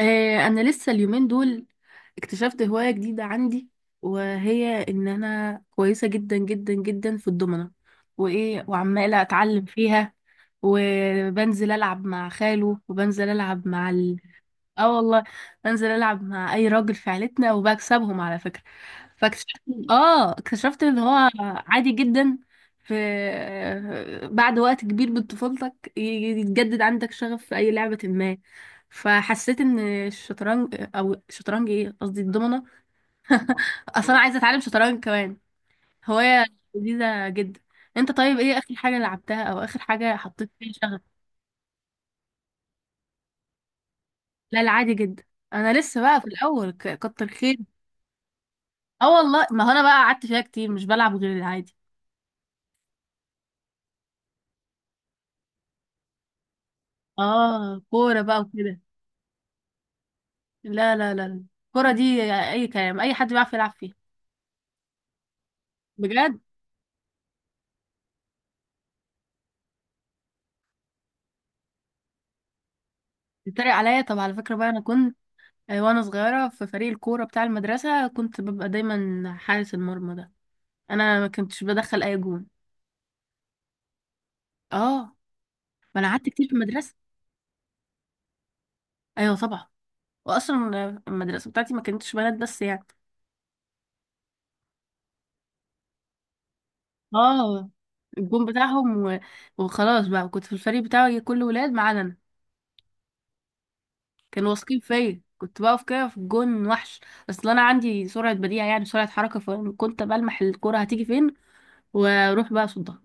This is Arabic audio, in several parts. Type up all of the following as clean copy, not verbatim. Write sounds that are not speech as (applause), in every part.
انا لسه اليومين دول اكتشفت هواية جديدة عندي، وهي ان انا كويسة جدا جدا جدا في الضمنة. وايه، وعمالة اتعلم فيها، وبنزل العب مع خاله، وبنزل العب مع اه والله، بنزل العب مع اي راجل في عيلتنا وبكسبهم على فكره. فاكتشفت اه اكتشفت ان هو عادي جدا، في بعد وقت كبير من طفولتك يتجدد عندك شغف في اي لعبه ما. فحسيت ان الشطرنج او الشطرنج، ايه قصدي، الضمنه. اصلا انا عايزه اتعلم شطرنج كمان، هوايه لذيذه جدا. انت طيب، ايه اخر حاجه لعبتها او اخر حاجه حطيت فيها شغف؟ لا لا، عادي جدا. انا لسه بقى في الاول، كتر خير. اه والله، ما هو انا بقى قعدت فيها كتير، مش بلعب غير العادي. اه، كورة بقى وكده. لا لا لا لا، الكورة دي اي كلام، اي حد بيعرف يلعب فيها. بجد. بتتريق عليا؟ طب على فكرة بقى، انا كنت آه، وانا صغيرة في فريق الكورة بتاع المدرسة كنت ببقى دايما حارس المرمى ده. انا ما كنتش بدخل اي جون. اه، ما انا قعدت كتير في المدرسة. ايوه طبعا. واصلا المدرسة بتاعتي ما كانتش بنات بس يعني. اه، الجون بتاعهم وخلاص بقى كنت في الفريق بتاعي كله ولاد ما عدا انا. كانوا واثقين فيا، كنت بقف كده في الجون وحش. اصل انا عندي سرعه بديهه، يعني سرعه حركه، فكنت بلمح الكره هتيجي فين واروح بقى اصدها.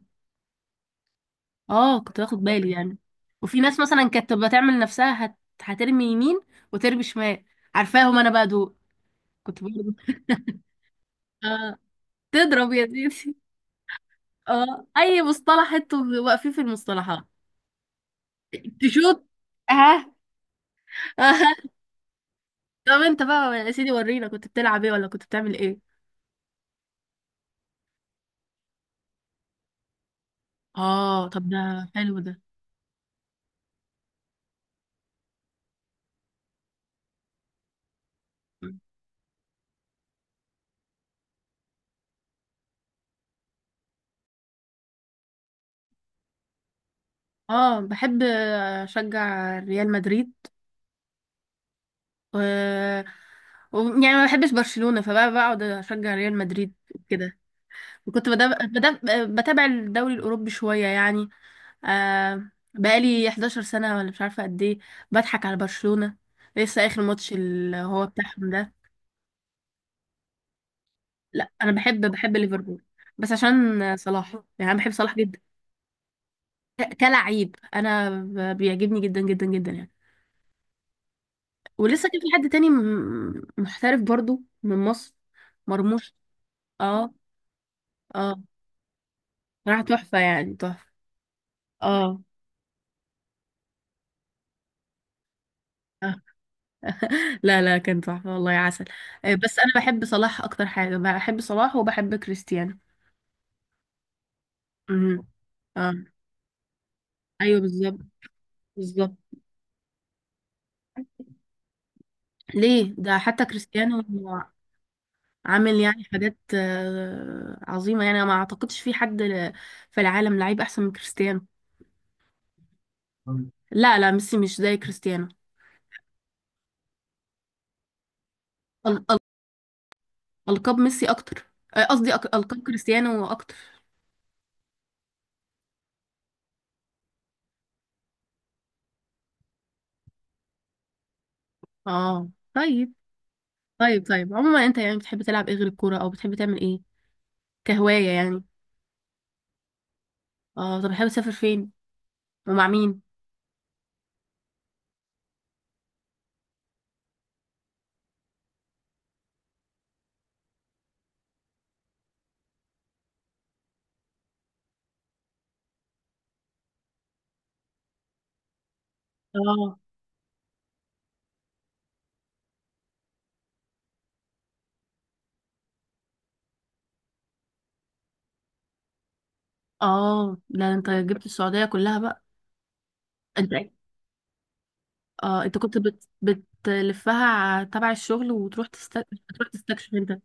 اه، كنت باخد بالي يعني. وفي ناس مثلا كانت تبقى تعمل نفسها هترمي يمين وترمي شمال. عارفاهم انا بقى دول. كنت برضه (laughs) اه، تضرب يا زيدي. اه، اي مصطلح انتوا واقفين في المصطلحات. تشوت. ها. (laughs) آه. طب انت بقى يا سيدي، ورينا كنت بتلعب ايه، ولا كنت بتعمل ايه؟ اه، طب ده، حلو ده. اه، بحب اشجع ريال مدريد و... يعني ما بحبش برشلونة، فبقى بقعد اشجع ريال مدريد كده. وكنت بتابع الدوري الاوروبي شوية يعني. آه، بقالي 11 سنة ولا مش عارفة قد ايه، بضحك على برشلونة. لسه اخر ماتش اللي هو بتاعهم ده. لا، انا بحب ليفربول بس عشان صلاح، يعني انا بحب صلاح جدا، كلاعب. انا بيعجبني جدا جدا جدا يعني. ولسه كان في حد تاني محترف برضو من مصر، مرموش. اه اه، راح تحفة، يعني تحفة. اه، آه. لا لا، كان تحفة والله يا عسل. آه، بس انا بحب صلاح، اكتر حاجة بحب صلاح وبحب كريستيانو. امم، اه. ايوه بالظبط، بالظبط، ليه ده، حتى كريستيانو عامل يعني حاجات آه، عظيمة، يعني أنا ما اعتقدش في حد في العالم لعيب احسن من كريستيانو. لا لا، ميسي مش زي كريستيانو. ال- ألقاب ميسي أكتر، آه، قصدي ألقاب كريستيانو أكتر. اه، طيب طيب طيب، عموما أنت يعني بتحب تلعب إيه غير الكورة، أو بتحب تعمل إيه كهواية يعني؟ اه، طب بتحب تسافر فين ومع مين؟ اه اه، لا أنت جبت السعودية كلها بقى. أنت، اه، أنت كنت بتلفها تبع الشغل، وتروح تستكشف أنت.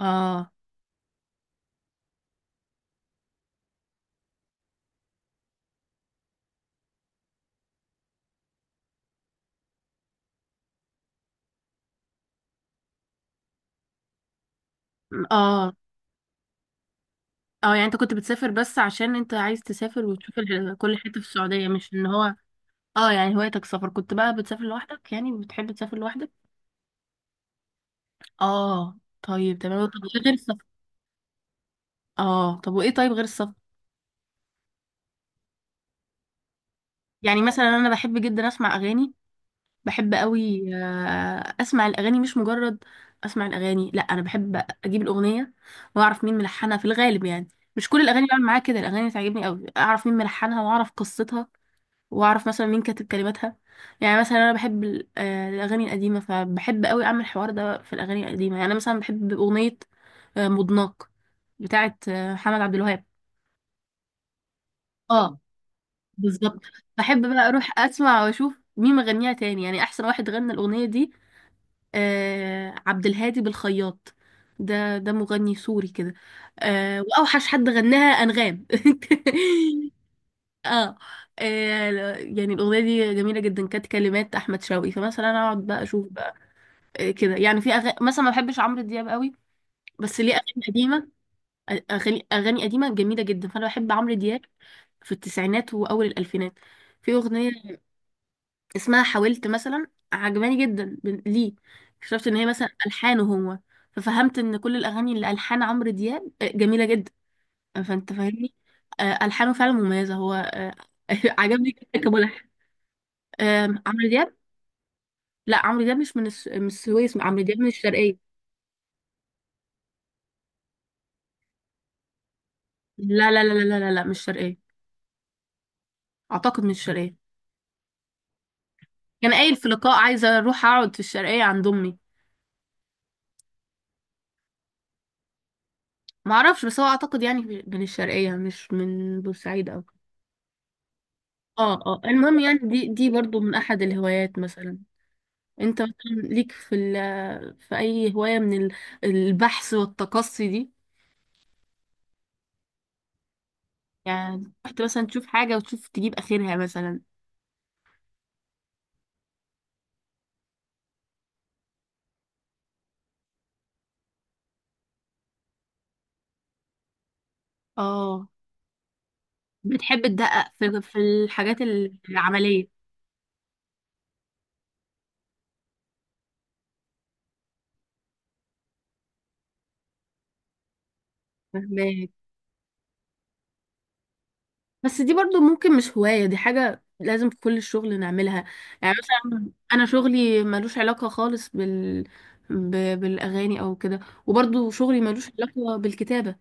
اه اه اه، يعني انت كنت بتسافر بس عشان انت عايز تسافر وتشوف كل حتة في السعودية، مش ان هو. اه، يعني هوايتك السفر، كنت بقى بتسافر لوحدك، يعني بتحب تسافر لوحدك. اه طيب تمام، طب ايه غير السفر؟ اه، طب وايه، طيب غير السفر؟ يعني مثلا انا بحب جدا اسمع اغاني، بحب قوي آه، اسمع الاغاني مش مجرد اسمع الاغاني، لا انا بحب اجيب الاغنيه واعرف مين ملحنها في الغالب يعني. مش كل الاغاني بعمل معاها كده، الاغاني تعجبني قوي اعرف مين ملحنها واعرف قصتها واعرف مثلا مين كاتب كلماتها. يعني مثلا انا بحب الاغاني القديمه، فبحب قوي اعمل الحوار ده في الاغاني القديمه، يعني انا مثلا بحب اغنيه آه، مضناك بتاعت آه، محمد عبد الوهاب. اه، بالظبط. بحب بقى اروح اسمع واشوف مين مغنيها تاني، يعني احسن واحد غنى الاغنيه دي آه عبد الهادي بالخياط، ده ده مغني سوري كده. آه، واوحش حد غناها انغام. (laughs) آه. آه، يعني الاغنيه دي جميله جدا، كانت كلمات احمد شوقي. فمثلا انا اقعد بقى اشوف بقى آه، كده، يعني في مثلا ما بحبش عمرو دياب قوي، بس ليه؟ اغاني قديمه، اغاني اغاني قديمه جميله جدا، فانا بحب عمرو دياب في التسعينات واول الالفينات. في اغنيه اسمها حاولت مثلا، عجباني جدا ليه؟ اكتشفت ان هي مثلا الحانه هو، ففهمت ان كل الاغاني اللي الحان عمرو دياب آه، جميله جدا، فانت فاهمني. آه، الحانه فعلا مميزه هو آه، (laughs) عجبني جدا كملحن. آم، عمرو دياب. لا، عمرو دياب مش من من السويس، عمرو دياب من الشرقيه. لا لا لا لا لا لا لا، مش شرقيه. اعتقد مش شرقيه. كان قايل في لقاء، عايزه اروح اقعد في الشرقيه عند امي. ما اعرفش، بس هو اعتقد يعني من الشرقية مش من بورسعيد او كده. اه اه، المهم يعني دي برضو من احد الهوايات. مثلا انت، مثلا ليك في في اي هواية من البحث والتقصي دي؟ يعني رحت مثلا تشوف حاجة وتشوف تجيب اخرها مثلا. اه، بتحب تدقق في الحاجات العملية. فهماك. بس دي برضو ممكن مش هواية، دي حاجة لازم في كل الشغل نعملها. يعني مثلا أنا شغلي ملوش علاقة خالص ب... بالأغاني أو كده، وبرضو شغلي ملوش علاقة بالكتابة.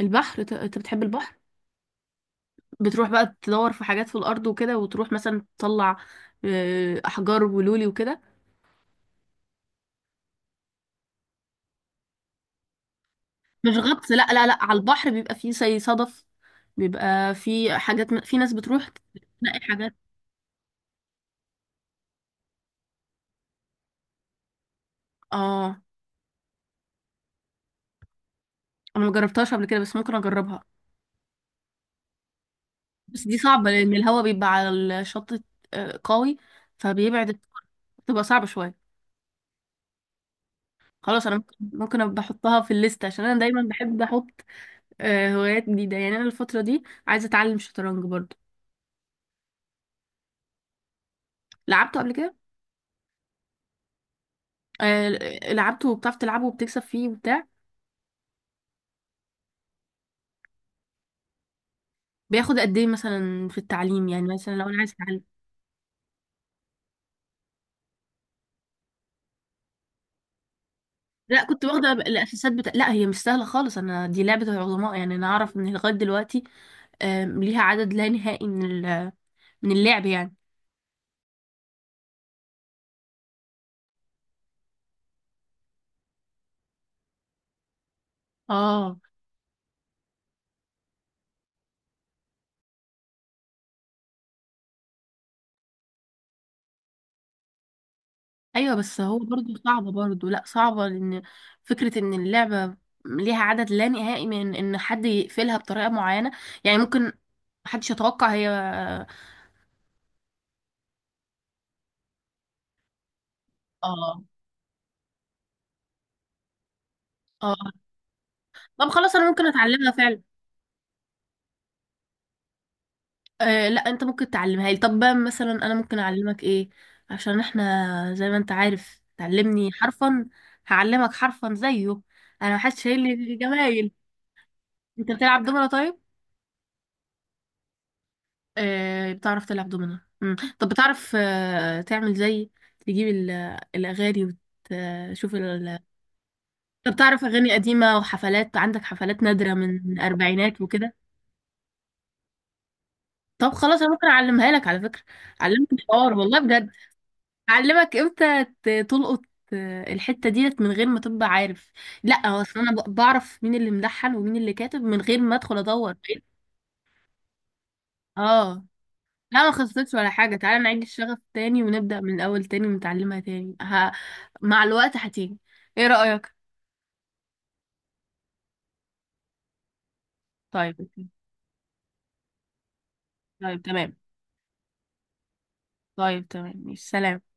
البحر، أنت بتحب البحر؟ بتروح بقى تدور في حاجات في الأرض وكده، وتروح مثلا تطلع آه، أحجار ولولي وكده. مش غطس لا لا لا، على البحر بيبقى فيه زي صدف، بيبقى فيه حاجات في ناس بتروح تلاقي حاجات. اه، أنا مجربتهاش قبل كده بس ممكن أجربها. بس دي صعبة لأن الهواء بيبقى على الشط آه، قوي، فبيبعد السفر، بتبقى صعبة شوية. خلاص، أنا ممكن أبقى أحطها في الليست عشان أنا دايما بحب أحط آه، هوايات جديدة. يعني أنا الفترة دي عايزة أتعلم شطرنج برضو. لعبته قبل كده آه، لعبته وبتعرف تلعبه وبتكسب فيه وبتاع. بياخد قد إيه مثلا في التعليم، يعني مثلا لو أنا عايزة أتعلم؟ لا، كنت واخدة الأساسات بتاع، لا هي مش سهلة خالص، أنا دي لعبة العظماء. يعني أنا أعرف إن لغاية دلوقتي آم، ليها عدد لا نهائي من اللعب يعني. اه، ايوه، بس هو برضو صعبه برضو، لا صعبه لان فكره ان اللعبه ليها عدد لا نهائي من ان حد يقفلها بطريقه معينه، يعني ممكن محدش يتوقع هي. اه اه، طب خلاص انا ممكن اتعلمها فعلا. آه لا، انت ممكن تعلمها لي، طب بقى مثلا انا ممكن اعلمك ايه؟ عشان احنا زي ما انت عارف تعلمني حرفا، هعلمك حرفا زيه، انا محدش شايل لي جمايل. انت بتلعب دومنة طيب؟ آه، بتعرف تلعب دومنا، مم. طب بتعرف آه، تعمل زي تجيب الأغاني وتشوف طب بتعرف أغاني قديمة وحفلات، عندك حفلات نادرة من الأربعينات وكده؟ طب خلاص، أنا ممكن أعلمها لك على فكرة، أعلمك الحوار والله بجد، أعلمك إمتى تلقط آه، الحتة ديت من غير ما تبقى عارف. لا هو أصل أنا بعرف مين اللي ملحن ومين اللي كاتب من غير ما أدخل أدور. اه، لا، ما خسرتش ولا حاجة، تعالى نعيد الشغف تاني، ونبدأ من الأول تاني ونتعلمها تاني مع الوقت هتيجي. ايه رأيك؟ طيب. طيب تمام. طيب تمام ماشي سلام.